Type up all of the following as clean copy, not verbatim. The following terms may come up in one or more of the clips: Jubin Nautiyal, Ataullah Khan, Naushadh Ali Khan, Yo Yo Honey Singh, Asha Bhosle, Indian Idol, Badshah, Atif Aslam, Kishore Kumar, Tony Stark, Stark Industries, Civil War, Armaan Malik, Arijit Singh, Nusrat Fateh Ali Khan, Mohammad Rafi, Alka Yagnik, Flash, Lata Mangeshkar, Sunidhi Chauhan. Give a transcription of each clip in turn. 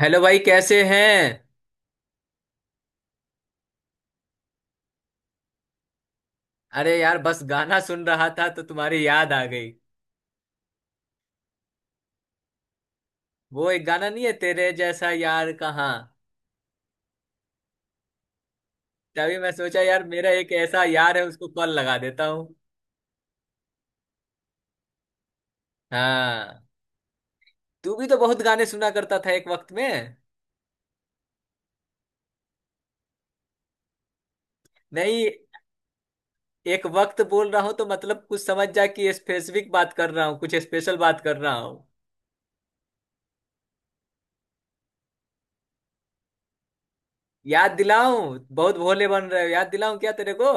Hello भाई, कैसे हैं। अरे यार, बस गाना सुन रहा था तो तुम्हारी याद आ गई। वो एक गाना नहीं है, तेरे जैसा यार कहाँ। तभी मैं सोचा यार, मेरा एक ऐसा यार है, उसको कॉल लगा देता हूँ। हाँ। तू भी तो बहुत गाने सुना करता था एक वक्त में। नहीं, एक वक्त बोल रहा हूँ तो मतलब कुछ समझ जा कि स्पेसिफिक बात कर रहा हूँ, कुछ स्पेशल बात कर रहा हूँ। याद दिलाऊं, बहुत भोले बन रहे हो। याद दिलाऊं क्या तेरे को।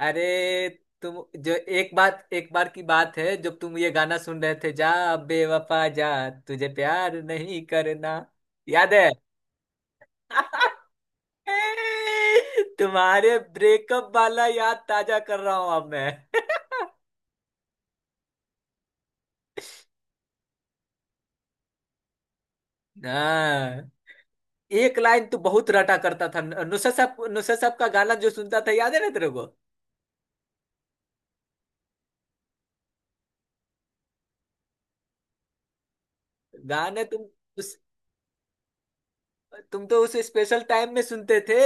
अरे तुम, जो एक बात, एक बार की बात है, जब तुम ये गाना सुन रहे थे, जा बेवफा जा, तुझे प्यार नहीं करना, याद है। तुम्हारे ब्रेकअप वाला याद ताजा कर रहा हूं अब मैं हाँ। एक लाइन तो बहुत रटा करता था नुसरत साहब का गाना जो सुनता था, याद है ना तेरे को। गाने तुम। उस तुम तो उस स्पेशल टाइम में सुनते थे।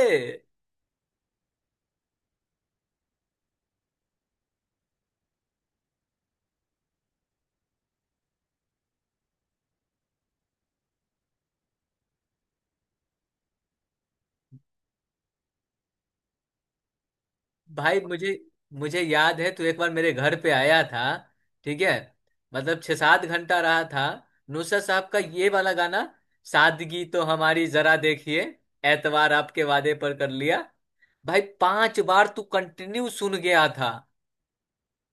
भाई मुझे, याद है तू एक बार मेरे घर पे आया था, ठीक है, मतलब छह सात घंटा रहा था। नुसरत साहब का ये वाला गाना, सादगी तो हमारी जरा देखिए, एतवार आपके वादे पर कर लिया। भाई पांच बार तू कंटिन्यू सुन गया था।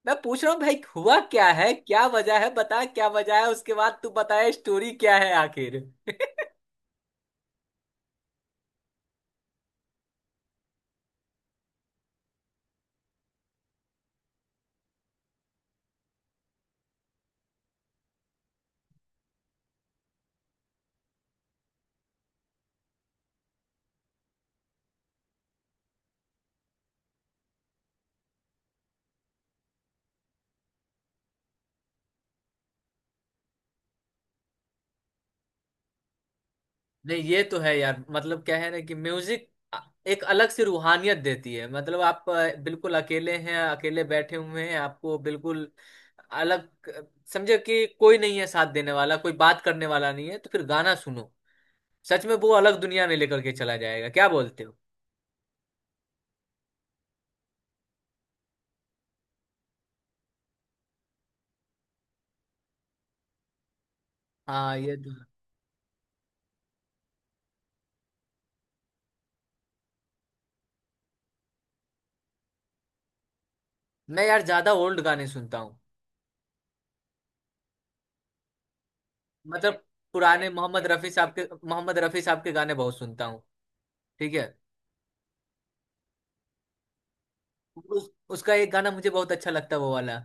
मैं पूछ रहा हूँ भाई, हुआ क्या है, क्या वजह है, बता क्या वजह है, उसके बाद तू बताए स्टोरी क्या है आखिर नहीं, ये तो है यार, मतलब क्या है ना कि म्यूजिक एक अलग सी रूहानियत देती है। मतलब आप बिल्कुल अकेले हैं, अकेले बैठे हुए हैं, आपको बिल्कुल अलग समझे कि कोई नहीं है साथ देने वाला, कोई बात करने वाला नहीं है, तो फिर गाना सुनो, सच में वो अलग दुनिया में लेकर के चला जाएगा। क्या बोलते हो। हाँ ये तो है। मैं यार ज्यादा ओल्ड गाने सुनता हूँ, मतलब पुराने। मोहम्मद रफी साहब के गाने बहुत सुनता हूँ, ठीक है। उसका एक गाना मुझे बहुत अच्छा लगता है, वो वाला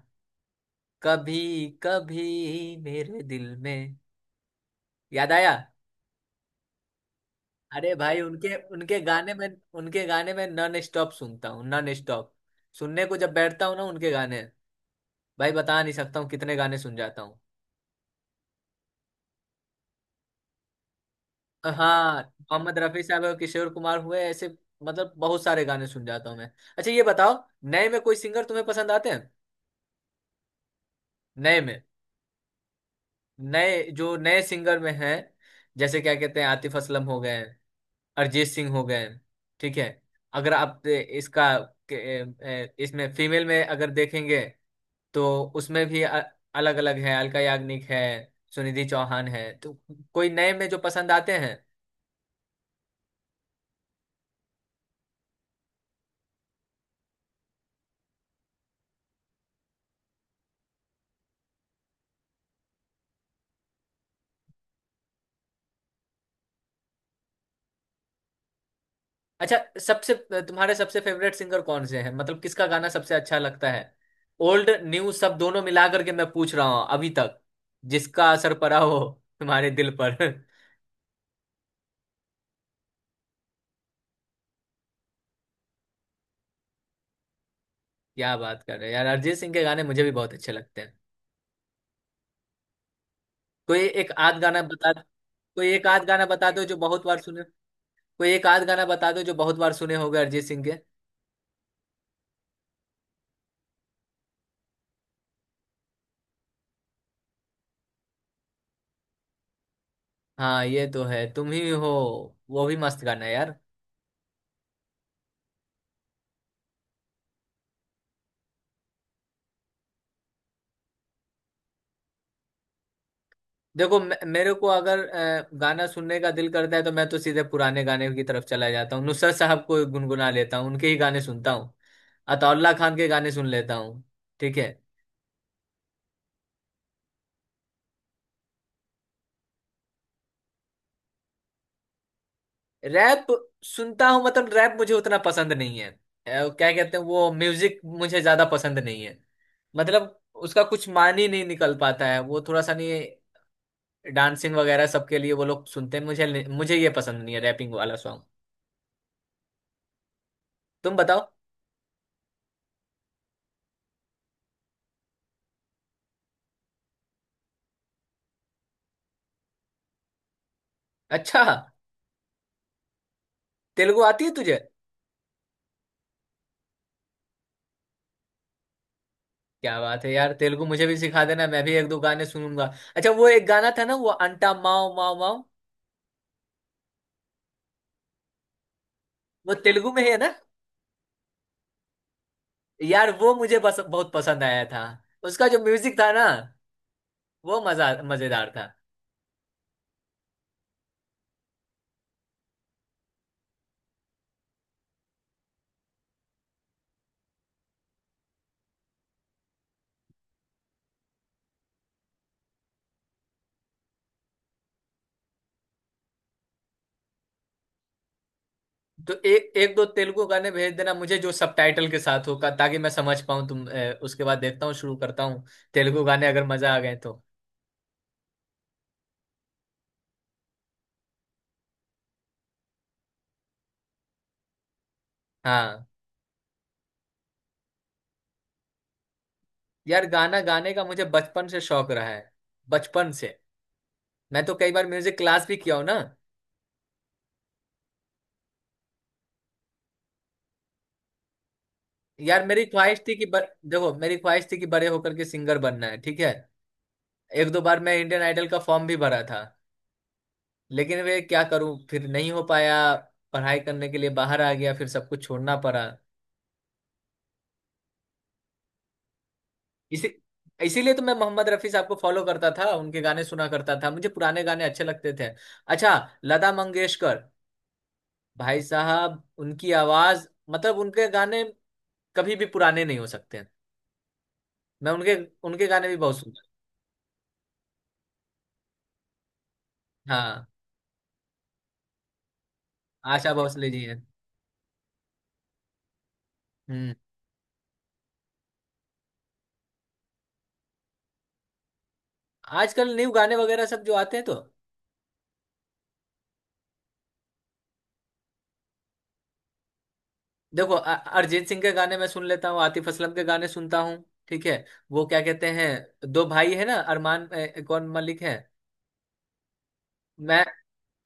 कभी कभी मेरे दिल में, याद आया। अरे भाई, उनके उनके गाने में, उनके गाने में नॉन स्टॉप सुनता हूँ, नॉन स्टॉप। सुनने को जब बैठता हूँ ना उनके गाने, भाई बता नहीं सकता हूँ कितने गाने सुन जाता हूँ। हाँ, मोहम्मद रफी साहब और किशोर कुमार हुए ऐसे, मतलब बहुत सारे गाने सुन जाता हूँ मैं। अच्छा ये बताओ, नए में कोई सिंगर तुम्हें पसंद आते हैं। नए में, नए, जो नए सिंगर में हैं, जैसे क्या कहते हैं, आतिफ असलम हो गए, अरिजीत सिंह हो गए, ठीक है। अगर आप ए, इसका के- ए, इसमें फीमेल में अगर देखेंगे, तो उसमें भी अलग अलग है, अलका याग्निक है, सुनिधि चौहान है, तो कोई नए में जो पसंद आते हैं। अच्छा, सबसे, तुम्हारे सबसे फेवरेट सिंगर कौन से हैं, मतलब किसका गाना सबसे अच्छा लगता है। ओल्ड न्यू सब दोनों मिला करके मैं पूछ रहा हूँ, अभी तक जिसका असर पड़ा हो तुम्हारे दिल पर क्या बात कर रहे हो यार, अरिजीत सिंह के गाने मुझे भी बहुत अच्छे लगते हैं। कोई एक आध गाना बता। कोई एक आध गाना बता दो जो बहुत बार सुने। कोई एक आध गाना बता दो जो बहुत बार सुने होगे अरिजीत सिंह के। हाँ ये तो है, तुम ही हो, वो भी मस्त गाना है यार। देखो मेरे को अगर गाना सुनने का दिल करता है तो मैं तो सीधे पुराने गाने की तरफ चला जाता हूँ, नुसरत साहब को गुनगुना लेता हूँ, उनके ही गाने सुनता हूँ। अताउल्ला खान के गाने सुन लेता हूँ, ठीक है। रैप सुनता हूँ, मतलब रैप मुझे उतना पसंद नहीं है। क्या कहते हैं वो म्यूजिक, मुझे ज्यादा पसंद नहीं है। मतलब उसका कुछ मान ही नहीं निकल पाता है, वो थोड़ा सा नहीं। डांसिंग वगैरह सबके लिए वो लोग सुनते हैं, मुझे ये पसंद नहीं है रैपिंग वाला सॉन्ग। तुम बताओ। अच्छा, तेलुगु आती है तुझे। क्या बात है यार, तेलुगु मुझे भी सिखा देना, मैं भी एक दो गाने सुनूंगा। अच्छा, वो एक गाना था ना, वो अंटा माओ माओ माओ। वो तेलुगु में है ना। यार वो मुझे बस बहुत पसंद आया था, उसका जो म्यूजिक था ना, वो मजा मजेदार था। तो एक एक दो तेलुगु गाने भेज देना मुझे जो सबटाइटल के साथ होगा ताकि मैं समझ पाऊँ तुम। उसके बाद देखता हूँ, शुरू करता हूँ तेलुगु गाने, अगर मजा आ गए तो। हाँ यार, गाना गाने का मुझे बचपन से शौक रहा है, बचपन से। मैं तो कई बार म्यूजिक क्लास भी किया हूँ ना। यार मेरी ख्वाहिश थी कि देखो, मेरी ख्वाहिश थी कि बड़े होकर के सिंगर बनना है, ठीक है। एक दो बार मैं इंडियन आइडल का फॉर्म भी भरा था, लेकिन वे क्या करूँ, फिर नहीं हो पाया। पढ़ाई करने के लिए बाहर आ गया, फिर सब कुछ छोड़ना पड़ा। इसी इसीलिए तो मैं मोहम्मद रफी साहब को फॉलो करता था, उनके गाने सुना करता था, मुझे पुराने गाने अच्छे लगते थे। अच्छा, लता मंगेशकर, भाई साहब उनकी आवाज, मतलब उनके गाने कभी भी पुराने नहीं हो सकते। मैं उनके उनके गाने भी बहुत सुनता। हाँ, आशा भोसले जी हैं। हम्म। आजकल न्यू गाने वगैरह सब जो आते हैं तो देखो, अरिजीत सिंह के गाने मैं सुन लेता हूँ, आतिफ असलम के गाने सुनता हूँ, ठीक है। वो क्या कहते हैं, दो भाई है ना, अरमान कौन मलिक है मैं।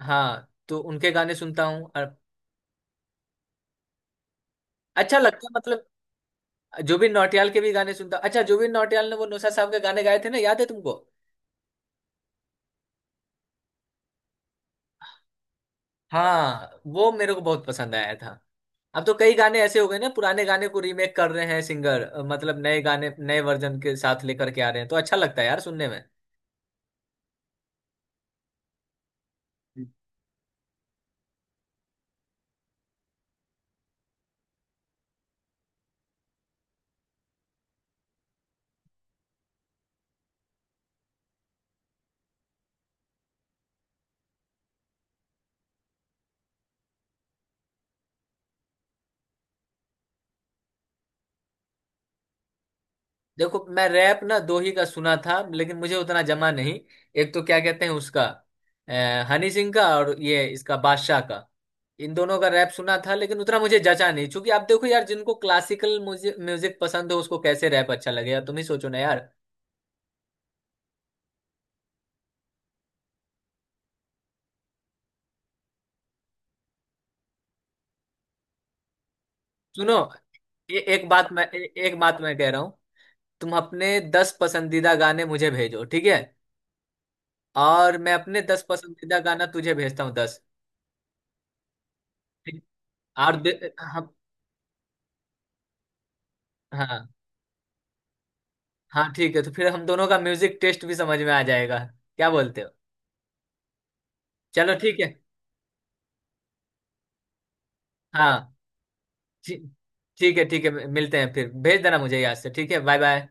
हाँ तो उनके गाने सुनता हूँ और अच्छा लगता है मतलब। जुबिन नौटियाल के भी गाने सुनता हूँ। अच्छा, जुबिन नौटियाल ने वो नौशाद साहब के गाने गाए थे ना, याद है तुमको। हाँ वो मेरे को बहुत पसंद आया था। अब तो कई गाने ऐसे हो गए ना, पुराने गाने को रीमेक कर रहे हैं सिंगर, मतलब नए गाने नए वर्जन के साथ लेकर के आ रहे हैं तो अच्छा लगता है यार सुनने में। देखो मैं रैप ना दो ही का सुना था, लेकिन मुझे उतना जमा नहीं। एक तो क्या कहते हैं उसका, हनी सिंह का, और ये इसका बादशाह का, इन दोनों का रैप सुना था, लेकिन उतना मुझे जचा नहीं क्योंकि आप देखो यार, जिनको क्लासिकल म्यूजिक म्यूजिक पसंद हो उसको कैसे रैप अच्छा लगेगा, तुम ही सोचो ना यार। सुनो, एक बात मैं कह रहा हूँ, तुम अपने 10 पसंदीदा गाने मुझे भेजो, ठीक है, और मैं अपने 10 पसंदीदा गाना तुझे भेजता हूँ 10। ठीक? और हम, हाँ हाँ, ठीक है तो फिर हम दोनों का म्यूजिक टेस्ट भी समझ में आ जाएगा, क्या बोलते हो। चलो ठीक है। हाँ ठी- ठीक है, ठीक है मिलते हैं, फिर भेज देना मुझे यहाँ से, ठीक है, बाय बाय।